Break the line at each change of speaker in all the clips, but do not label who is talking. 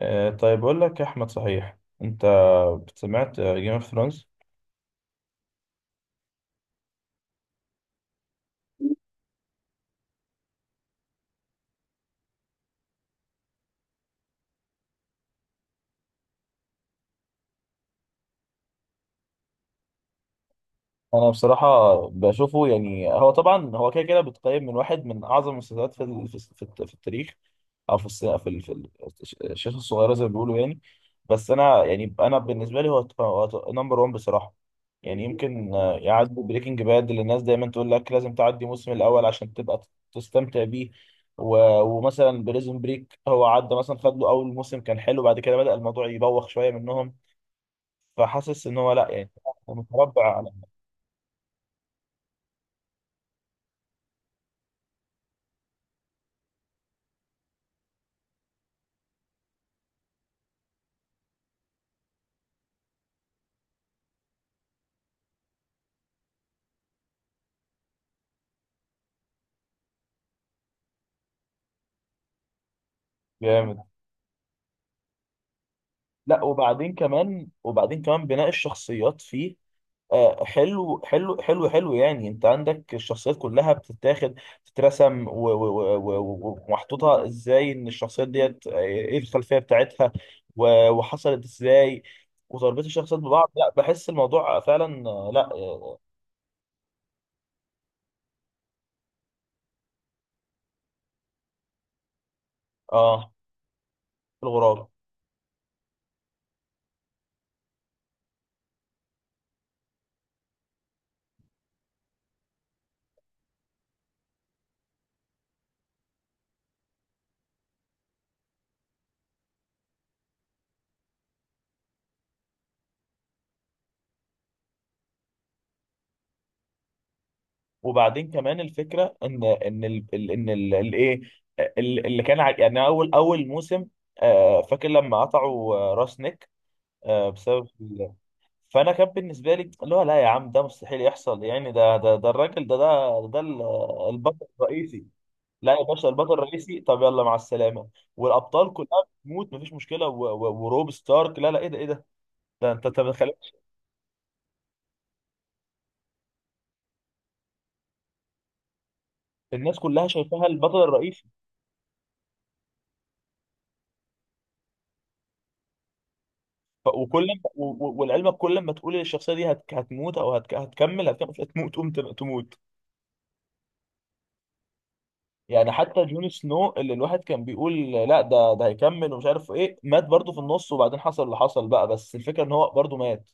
طيب أقول لك يا أحمد، صحيح أنت سمعت جيم اوف ثرونز؟ انا بصراحه بشوفه، يعني هو طبعا هو كده كده بيتقيم من واحد من اعظم المسلسلات في ال- في في الت- في التاريخ، او في الس- في ال- في ال- الش- الشاشه الصغيره زي ما بيقولوا يعني. بس انا، يعني انا بالنسبه لي هو نمبر 1 بصراحه. يعني يمكن يعدي بريكنج باد، اللي الناس دايما تقول لك لازم تعدي الموسم الاول عشان تبقى تستمتع بيه، و- ومثلا بريزون بريك هو عدى، مثلا خد له اول موسم كان حلو، بعد كده بدأ الموضوع يبوخ شويه منهم، فحاسس ان هو لا يعني متربع على. جامد. لا، وبعدين كمان بناء الشخصيات فيه حلو حلو حلو حلو، يعني انت عندك الشخصيات كلها بتتاخد تترسم و- و- و- و- ومحطوطها ازاي، ان الشخصيات ديت ايه الخلفية بتاعتها و- وحصلت ازاي، وتربط الشخصيات ببعض، لا بحس الموضوع فعلا، آه، لا اه آه، في الغراب. وبعدين كمان الفكرة ان ال اللي كان يعني اول موسم، فاكر لما قطعوا راس نيك بسبب فانا كان بالنسبه لي اللي هو لا يا عم، ده مستحيل يحصل، يعني ده الراجل ده البطل الرئيسي. لا يا باشا، البطل الرئيسي طب يلا مع السلامه، والابطال كلها بتموت، مفيش مشكله، و- و- وروب ستارك، لا لا، ايه ده، ايه ده، ده انت الناس كلها شايفاها البطل الرئيسي. ف- وكل ما- و- و- والعلم، كل ما تقول الشخصيه دي هتموت او هتكمل هتموت، تقوم تموت. يعني حتى جون سنو، اللي الواحد كان بيقول لا ده هيكمل، ومش عارف ايه، مات برضه في النص، وبعدين حصل اللي حصل بقى، بس الفكره ان هو برضه مات.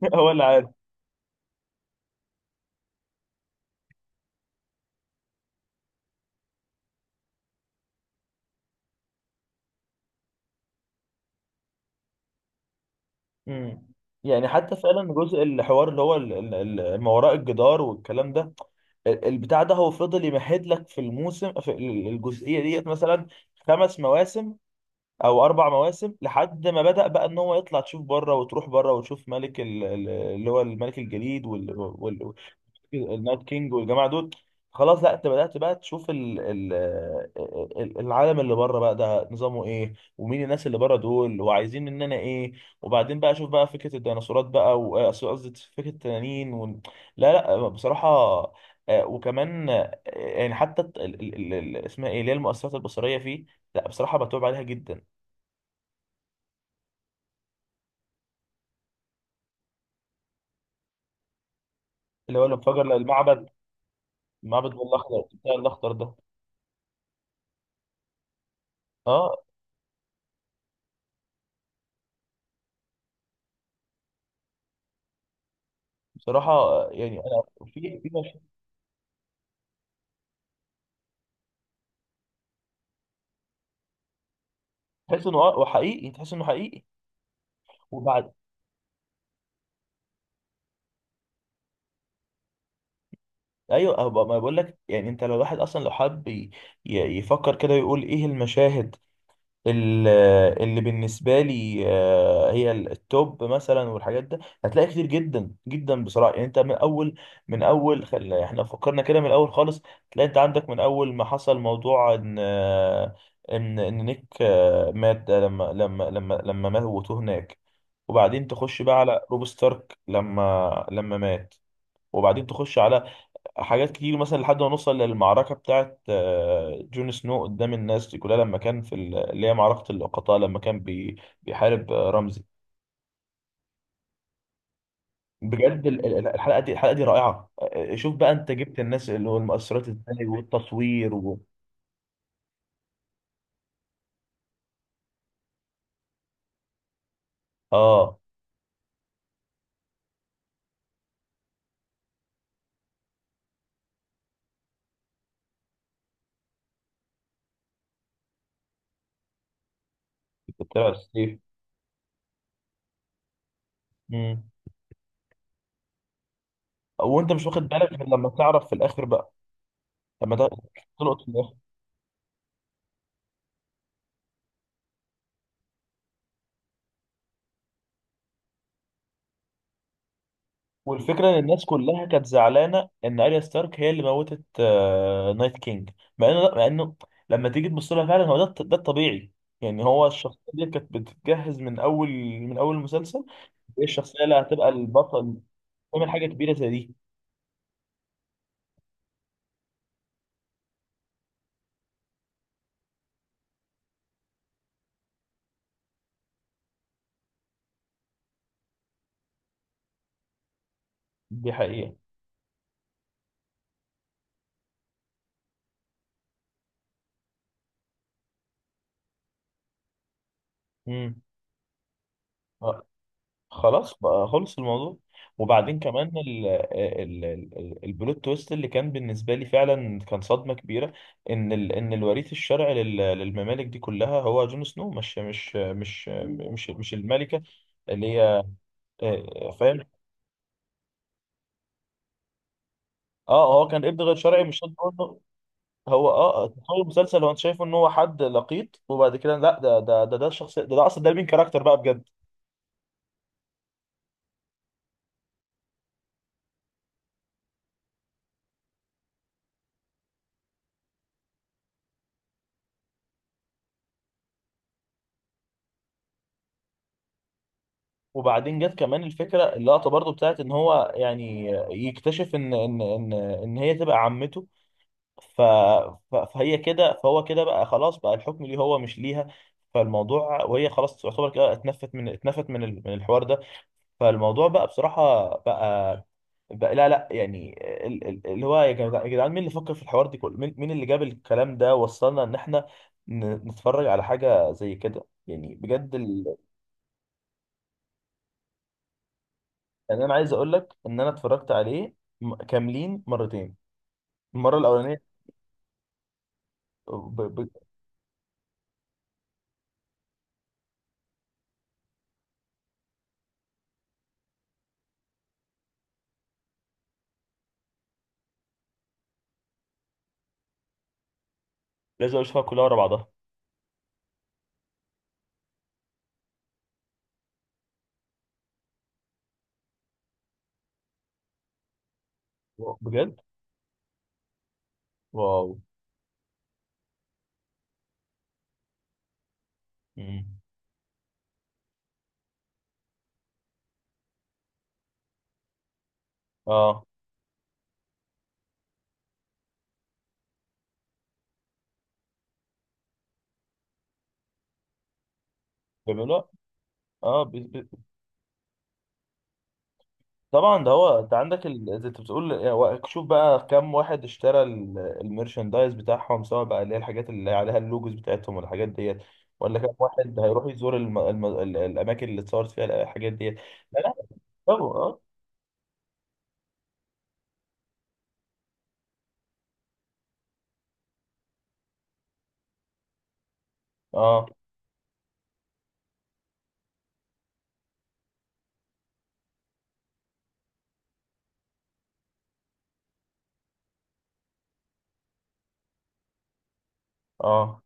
هو اللي عارف. امم يعني حتى فعلا جزء الحوار اللي هو ما وراء الجدار والكلام ده، البتاع ده هو فضل يمهد لك في الموسم، في الجزئيه ديت، مثلا 5 مواسم او 4 مواسم، لحد ما بدأ بقى ان هو يطلع تشوف بره، وتروح بره وتشوف ملك اللي هو الملك الجليد، النايت كينج والجماعه دول. خلاص لا، انت بدات بقى تشوف العالم اللي بره بقى، ده نظامه ايه، ومين الناس اللي بره دول، وعايزين مننا ايه. وبعدين بقى اشوف بقى فكره الديناصورات بقى، قصدي فكره التنانين. و... لا لا بصراحه، وكمان يعني حتى اسمها ايه، اللي هي المؤثرات البصريه فيه، لا بصراحه بتوب عليها جدا. اللي هو الانفجار المعبد الاخضر، بتاع الاخضر ده. اه، بصراحه يعني انا في تحس انه وحقيقي، تحس انه حقيقي. وبعد، ايوه ما بقول لك يعني، انت لو الواحد اصلا لو حب ي- ي- يفكر كده ويقول ايه المشاهد، ال- اللي بالنسبه لي هي التوب مثلا، والحاجات ده هتلاقي كتير جدا جدا بصراحه. يعني انت من اول، من اول احنا لو فكرنا كده من الاول خالص، تلاقي انت عندك من اول ما حصل موضوع ان ان نيك مات، ده لما موتوه هناك، وبعدين تخش بقى على روب ستارك لما مات، وبعدين تخش على حاجات كتير مثلا، لحد ما نوصل للمعركة بتاعت جون سنو قدام الناس دي كلها، لما كان في اللي هي معركة اللقطاء، لما كان بيحارب رمزي. بجد الحلقة دي، الحلقة دي رائعة. شوف بقى انت، جبت الناس اللي هو المؤثرات ازاي، والتصوير. و... اه، كنت بتابع السيف. مم. وانت مش واخد بالك غير لما تعرف في الاخر بقى، لما تلقط. والفكرة ان الناس كلها كانت زعلانة ان اريا ستارك هي اللي موتت نايت كينج، مع انه، لما تيجي تبص لها فعلا، هو ده الط- ده الطبيعي. يعني هو الشخصية دي كانت بتتجهز من اول، المسلسل، ايه الشخصية اللي هتبقى البطل، تعمل حاجة كبيرة زي دي. دي حقيقة. امم خلاص بقى، خلص الموضوع. وبعدين كمان ال ال ال البلوت تويست اللي كان بالنسبه لي فعلا كان صدمه كبيره، ان ال ان الوريث الشرعي للممالك دي كلها هو جون سنو، مش الملكه اللي هي. فاهم. اه هو كان ابن غير شرعي، مش شرط برضه. هو تخيل المسلسل، هو انت شايفه ان هو حد لقيط، وبعد كده لا، ده الشخص ده، ده اصلا ده مين كاركتر بقى بجد. وبعدين جت كمان الفكره، اللقطه برضو بتاعت ان هو يعني يكتشف ان هي تبقى عمته، ف ف- فهي كده، فهو كده بقى خلاص بقى، الحكم ليه هو مش ليها، فالموضوع، وهي خلاص تعتبر كده اتنفت، من من الحوار ده. فالموضوع بقى بصراحه بقى، بقى لا لا يعني اللي هو، يا جدعان، مين اللي فكر في الحوار دي كله، مين اللي جاب الكلام ده وصلنا ان احنا ن- نتفرج على حاجه زي كده، يعني بجد. يعني انا عايز اقول لك ان انا اتفرجت عليه كاملين مرتين، المره الاولانيه ب... ب... لازم اقول اشوفها كلها ورا بعضها. واو، بجد، واو. مم. اه، بيعملوها. اه ب... ب... طبعا، ده هو انت عندك ال، زي انت بتقول يعني، شوف بقى كم واحد اشترى الميرشندايز بتاعهم، سواء بقى اللي هي الحاجات اللي عليها اللوجوز بتاعتهم والحاجات ديت، ولا كم واحد هيروح يزور الاماكن اللي اتصورت فيها الحاجات ديت. لا لا، طبعا. اه، اه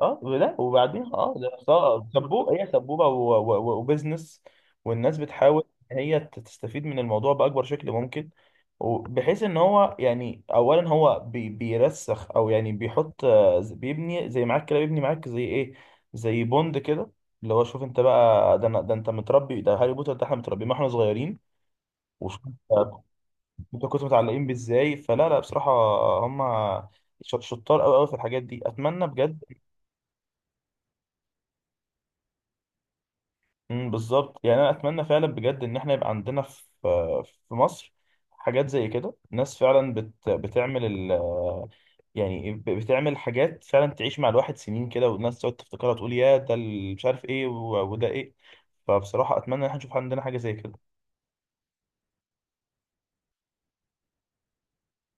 اه لا وبعدين، اه ده سبوبه، هي سبوبه و- و- و- وبزنس، والناس بتحاول ان هي ت- تستفيد من الموضوع باكبر شكل ممكن، وبحيث ان هو يعني اولا هو بي بيرسخ، او يعني بيحط بيبني زي معاك كده، بيبني معاك زي ايه، زي بوند كده، اللي هو شوف انت بقى، ده انت متربي، ده هاري بوتر، ده احنا متربيين ما احنا صغيرين، وشوف أنت كنت متعلقين بيه ازاي، فلا لا بصراحه، هم شطار قوي قوي في الحاجات دي، اتمنى بجد. بالظبط، يعني انا اتمنى فعلا بجد ان احنا يبقى عندنا في، في مصر، حاجات زي كده، ناس فعلا بتعمل ال، يعني ب- بتعمل حاجات فعلا تعيش مع الواحد سنين كده، والناس تقعد تفتكرها تقول يا ده مش عارف ايه، و- وده ايه، فبصراحة اتمنى ان احنا نشوف عندنا حاجة زي كده.